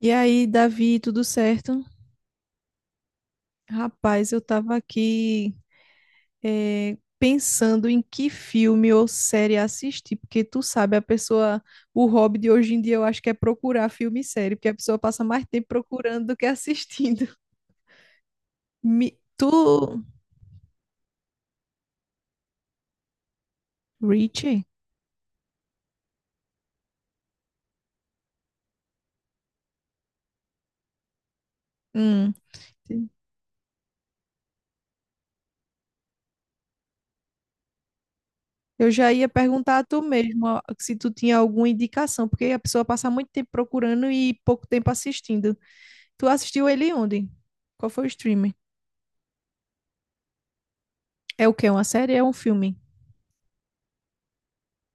E aí, Davi, tudo certo? Rapaz, eu tava aqui pensando em que filme ou série assistir, porque tu sabe, a pessoa, o hobby de hoje em dia eu acho que é procurar filme e série, porque a pessoa passa mais tempo procurando do que assistindo. Tu, Richie? Hum, eu já ia perguntar a tu mesmo ó, se tu tinha alguma indicação, porque a pessoa passa muito tempo procurando e pouco tempo assistindo. Tu assistiu ele onde? Qual foi o streaming? É o quê? Uma série? É um filme?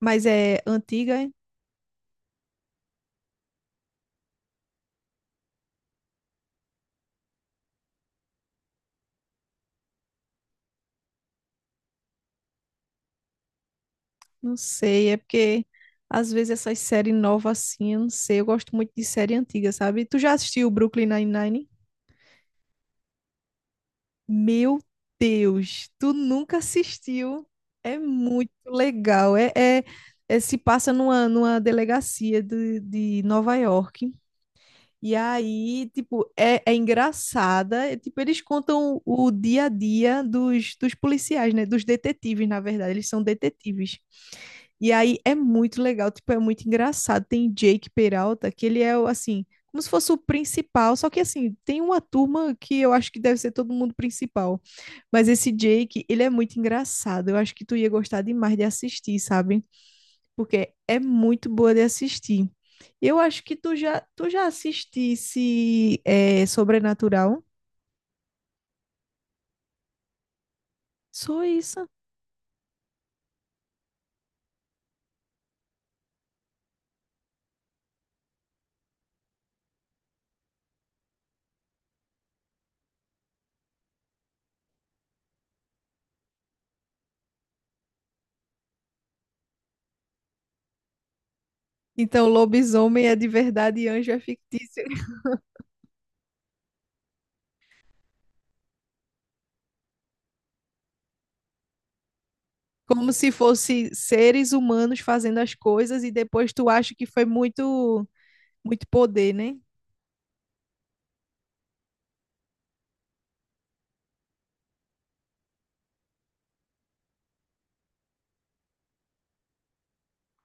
Mas é antiga? Hein? Não sei, é porque às vezes essas séries novas assim, eu não sei, eu gosto muito de série antiga, sabe? Tu já assistiu Brooklyn Nine-Nine? Meu Deus, tu nunca assistiu? É muito legal, é, se passa numa delegacia de Nova York, e aí, tipo, é, é engraçada, é, tipo, eles contam o dia a dia dos policiais, né? Dos detetives, na verdade, eles são detetives. E aí é muito legal, tipo, é muito engraçado. Tem Jake Peralta, que ele é, o, assim, como se fosse o principal, só que, assim, tem uma turma que eu acho que deve ser todo mundo principal. Mas esse Jake, ele é muito engraçado. Eu acho que tu ia gostar demais de assistir, sabe? Porque é muito boa de assistir. Eu acho que tu já assistisse é, Sobrenatural? Sou isso. Então, lobisomem é de verdade e anjo é fictício. Como se fosse seres humanos fazendo as coisas e depois tu acha que foi muito, muito poder, né?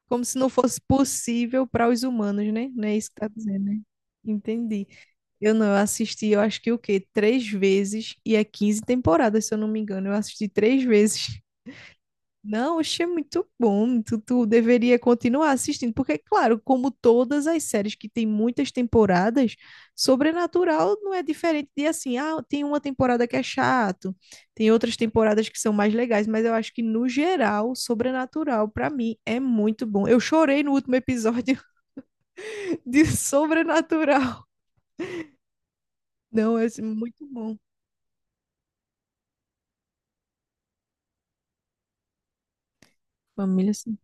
Como se não fosse possível para os humanos, né? Não é isso que tá dizendo, né? Entendi. Eu não, eu assisti, eu acho que o quê? Três vezes e é 15 temporadas, se eu não me engano. Eu assisti três vezes. Não, achei muito bom. Tu deveria continuar assistindo, porque, claro, como todas as séries que tem muitas temporadas, Sobrenatural não é diferente de assim, ah, tem uma temporada que é chato, tem outras temporadas que são mais legais, mas eu acho que, no geral, Sobrenatural, pra mim, é muito bom. Eu chorei no último episódio de Sobrenatural. Não, é assim, muito bom. Família, sim.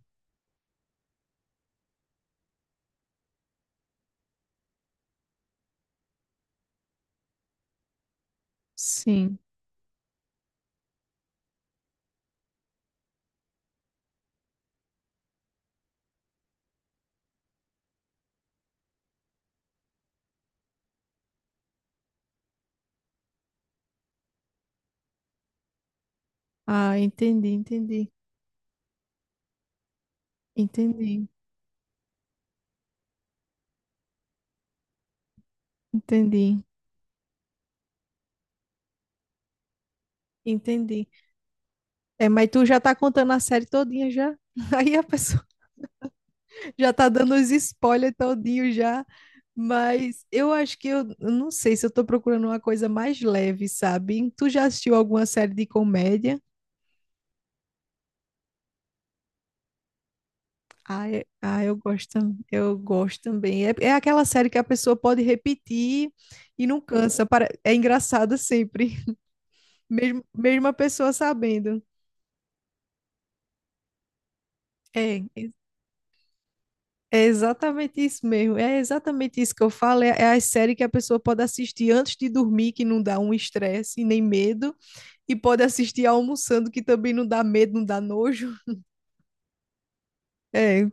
Sim. Ah, entendi, entendi. Entendi, entendi. Entendi. É, mas tu já tá contando a série todinha já. Aí a pessoa já tá dando os spoilers todinho já. Mas eu acho que eu não sei se eu tô procurando uma coisa mais leve, sabe? Tu já assistiu alguma série de comédia? Ah, eu gosto, eu gosto também. É, é aquela série que a pessoa pode repetir e não cansa. É engraçada sempre, mesmo, mesmo a pessoa sabendo. É, é exatamente isso mesmo. É exatamente isso que eu falo. É, é a série que a pessoa pode assistir antes de dormir, que não dá um estresse nem medo, e pode assistir almoçando, que também não dá medo, não dá nojo. É,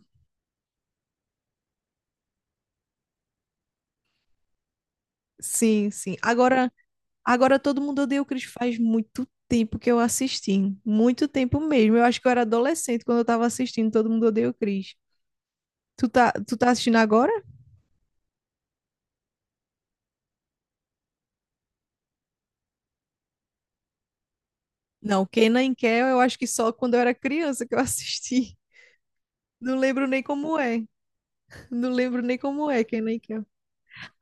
sim, sim. Agora, agora todo mundo odeia o Chris faz muito tempo que eu assisti, muito tempo mesmo. Eu acho que eu era adolescente quando eu tava assistindo Todo Mundo Odeia o Chris. Tu tá assistindo agora? Não, Kenan e Kel, eu acho que só quando eu era criança que eu assisti. Não lembro nem como é. Não lembro nem como é, quem nem quer.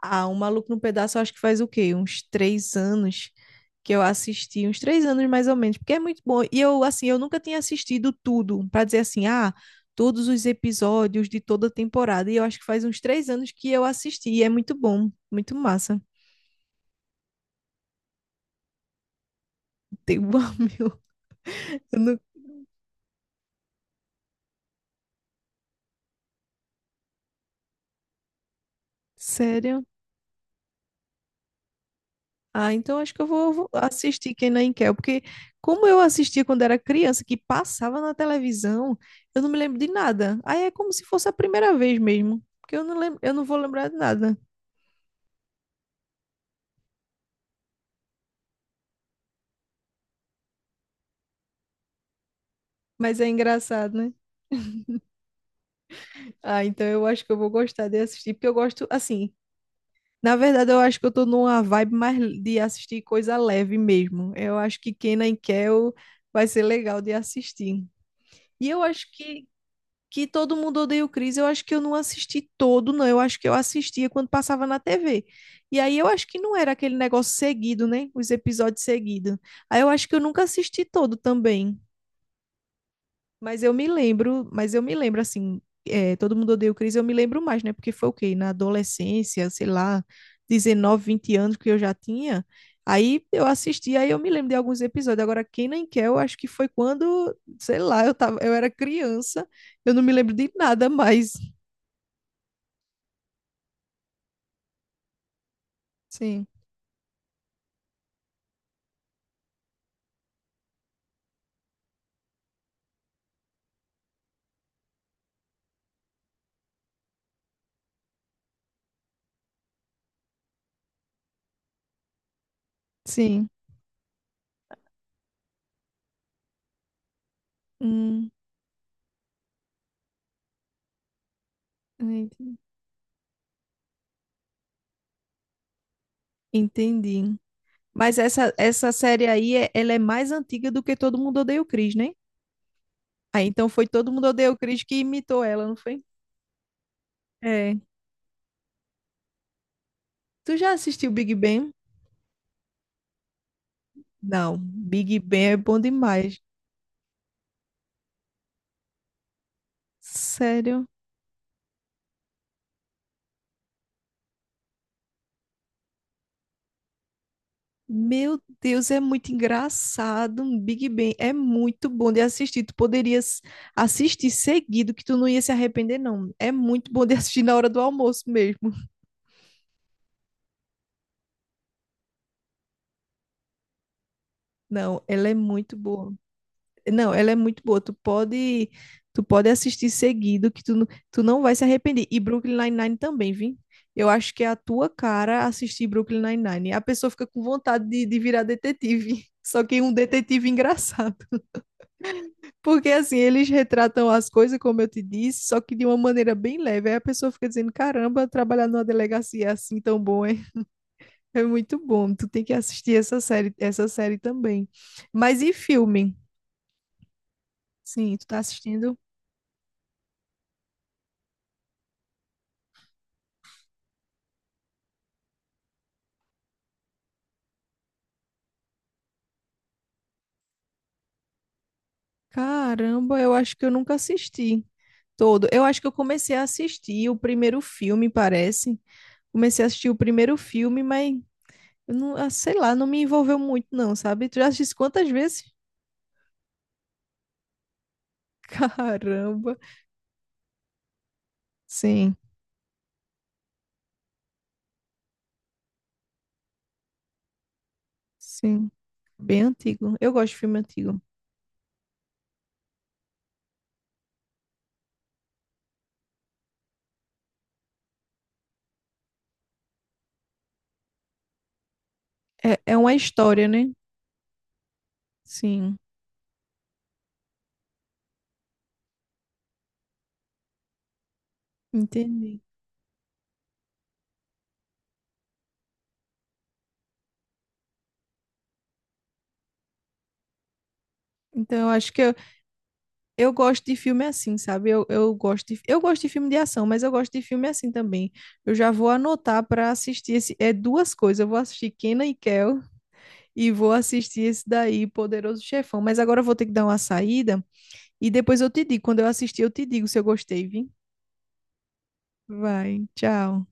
Ah, o Maluco no Pedaço, eu acho que faz o quê? Uns 3 anos que eu assisti, uns 3 anos mais ou menos, porque é muito bom. E eu, assim, eu nunca tinha assistido tudo, para dizer assim, ah, todos os episódios de toda a temporada. E eu acho que faz uns 3 anos que eu assisti, e é muito bom, muito massa. Tem um meu Eu não- Sério? Ah, então acho que eu vou assistir Kenan e Kel, porque como eu assistia quando era criança, que passava na televisão, eu não me lembro de nada. Aí é como se fosse a primeira vez mesmo, porque eu não lembro, eu não vou lembrar de nada. Mas é engraçado, né? Ah, então eu acho que eu vou gostar de assistir, porque eu gosto assim. Na verdade, eu acho que eu tô numa vibe mais de assistir coisa leve mesmo. Eu acho que Kenan e Kel vai ser legal de assistir. E eu acho que Todo Mundo Odeia o Chris, eu acho que eu não assisti todo, não. Eu acho que eu assistia quando passava na TV. E aí eu acho que não era aquele negócio seguido, né? Os episódios seguidos. Aí eu acho que eu nunca assisti todo também. Mas eu me lembro, mas eu me lembro assim, é, Todo Mundo Odeia o Chris, eu me lembro mais, né? Porque foi o quê? Na adolescência, sei lá, 19, 20 anos que eu já tinha. Aí eu assisti, aí eu me lembro de alguns episódios. Agora, quem nem quer, eu acho que foi quando, sei lá, eu tava, eu era criança, eu não me lembro de nada mais. Sim, sim. Hum, entendi. Entendi. Mas essa série aí, ela é mais antiga do que Todo Mundo Odeia o Chris, né? Aí então foi Todo Mundo Odeia o Chris que imitou ela, não foi? É. Tu já assistiu Big Bang? Não, Big Bang é bom demais. Sério? Meu Deus, é muito engraçado. Big Bang é muito bom de assistir. Tu poderias assistir seguido, que tu não ia se arrepender, não. É muito bom de assistir na hora do almoço mesmo. Não, ela é muito boa. Não, ela é muito boa. Tu pode assistir seguido, que tu não vai se arrepender. E Brooklyn Nine-Nine também, vi. Eu acho que é a tua cara assistir Brooklyn Nine-Nine. A pessoa fica com vontade de virar detetive. Só que um detetive engraçado. Porque assim, eles retratam as coisas, como eu te disse, só que de uma maneira bem leve. Aí a pessoa fica dizendo: caramba, trabalhar numa delegacia é assim tão bom, hein? É muito bom. Tu tem que assistir essa série também. Mas e filme? Sim, tu tá assistindo. Caramba, eu acho que eu nunca assisti todo. Eu acho que eu comecei a assistir o primeiro filme, parece. Comecei a assistir o primeiro filme, mas eu não, ah, sei lá, não me envolveu muito, não, sabe? Tu já assistiu quantas vezes? Caramba. Sim, sim. Bem antigo. Eu gosto de filme antigo. É, é uma história, né? Sim, entendi. Então eu acho que Eu gosto de filme assim, sabe? Eu gosto de filme de ação, mas eu gosto de filme assim também. Eu já vou anotar para assistir esse. É duas coisas. Eu vou assistir Kenan e Kel e vou assistir esse daí, Poderoso Chefão. Mas agora eu vou ter que dar uma saída e depois eu te digo. Quando eu assistir, eu te digo se eu gostei, viu? Vai, tchau.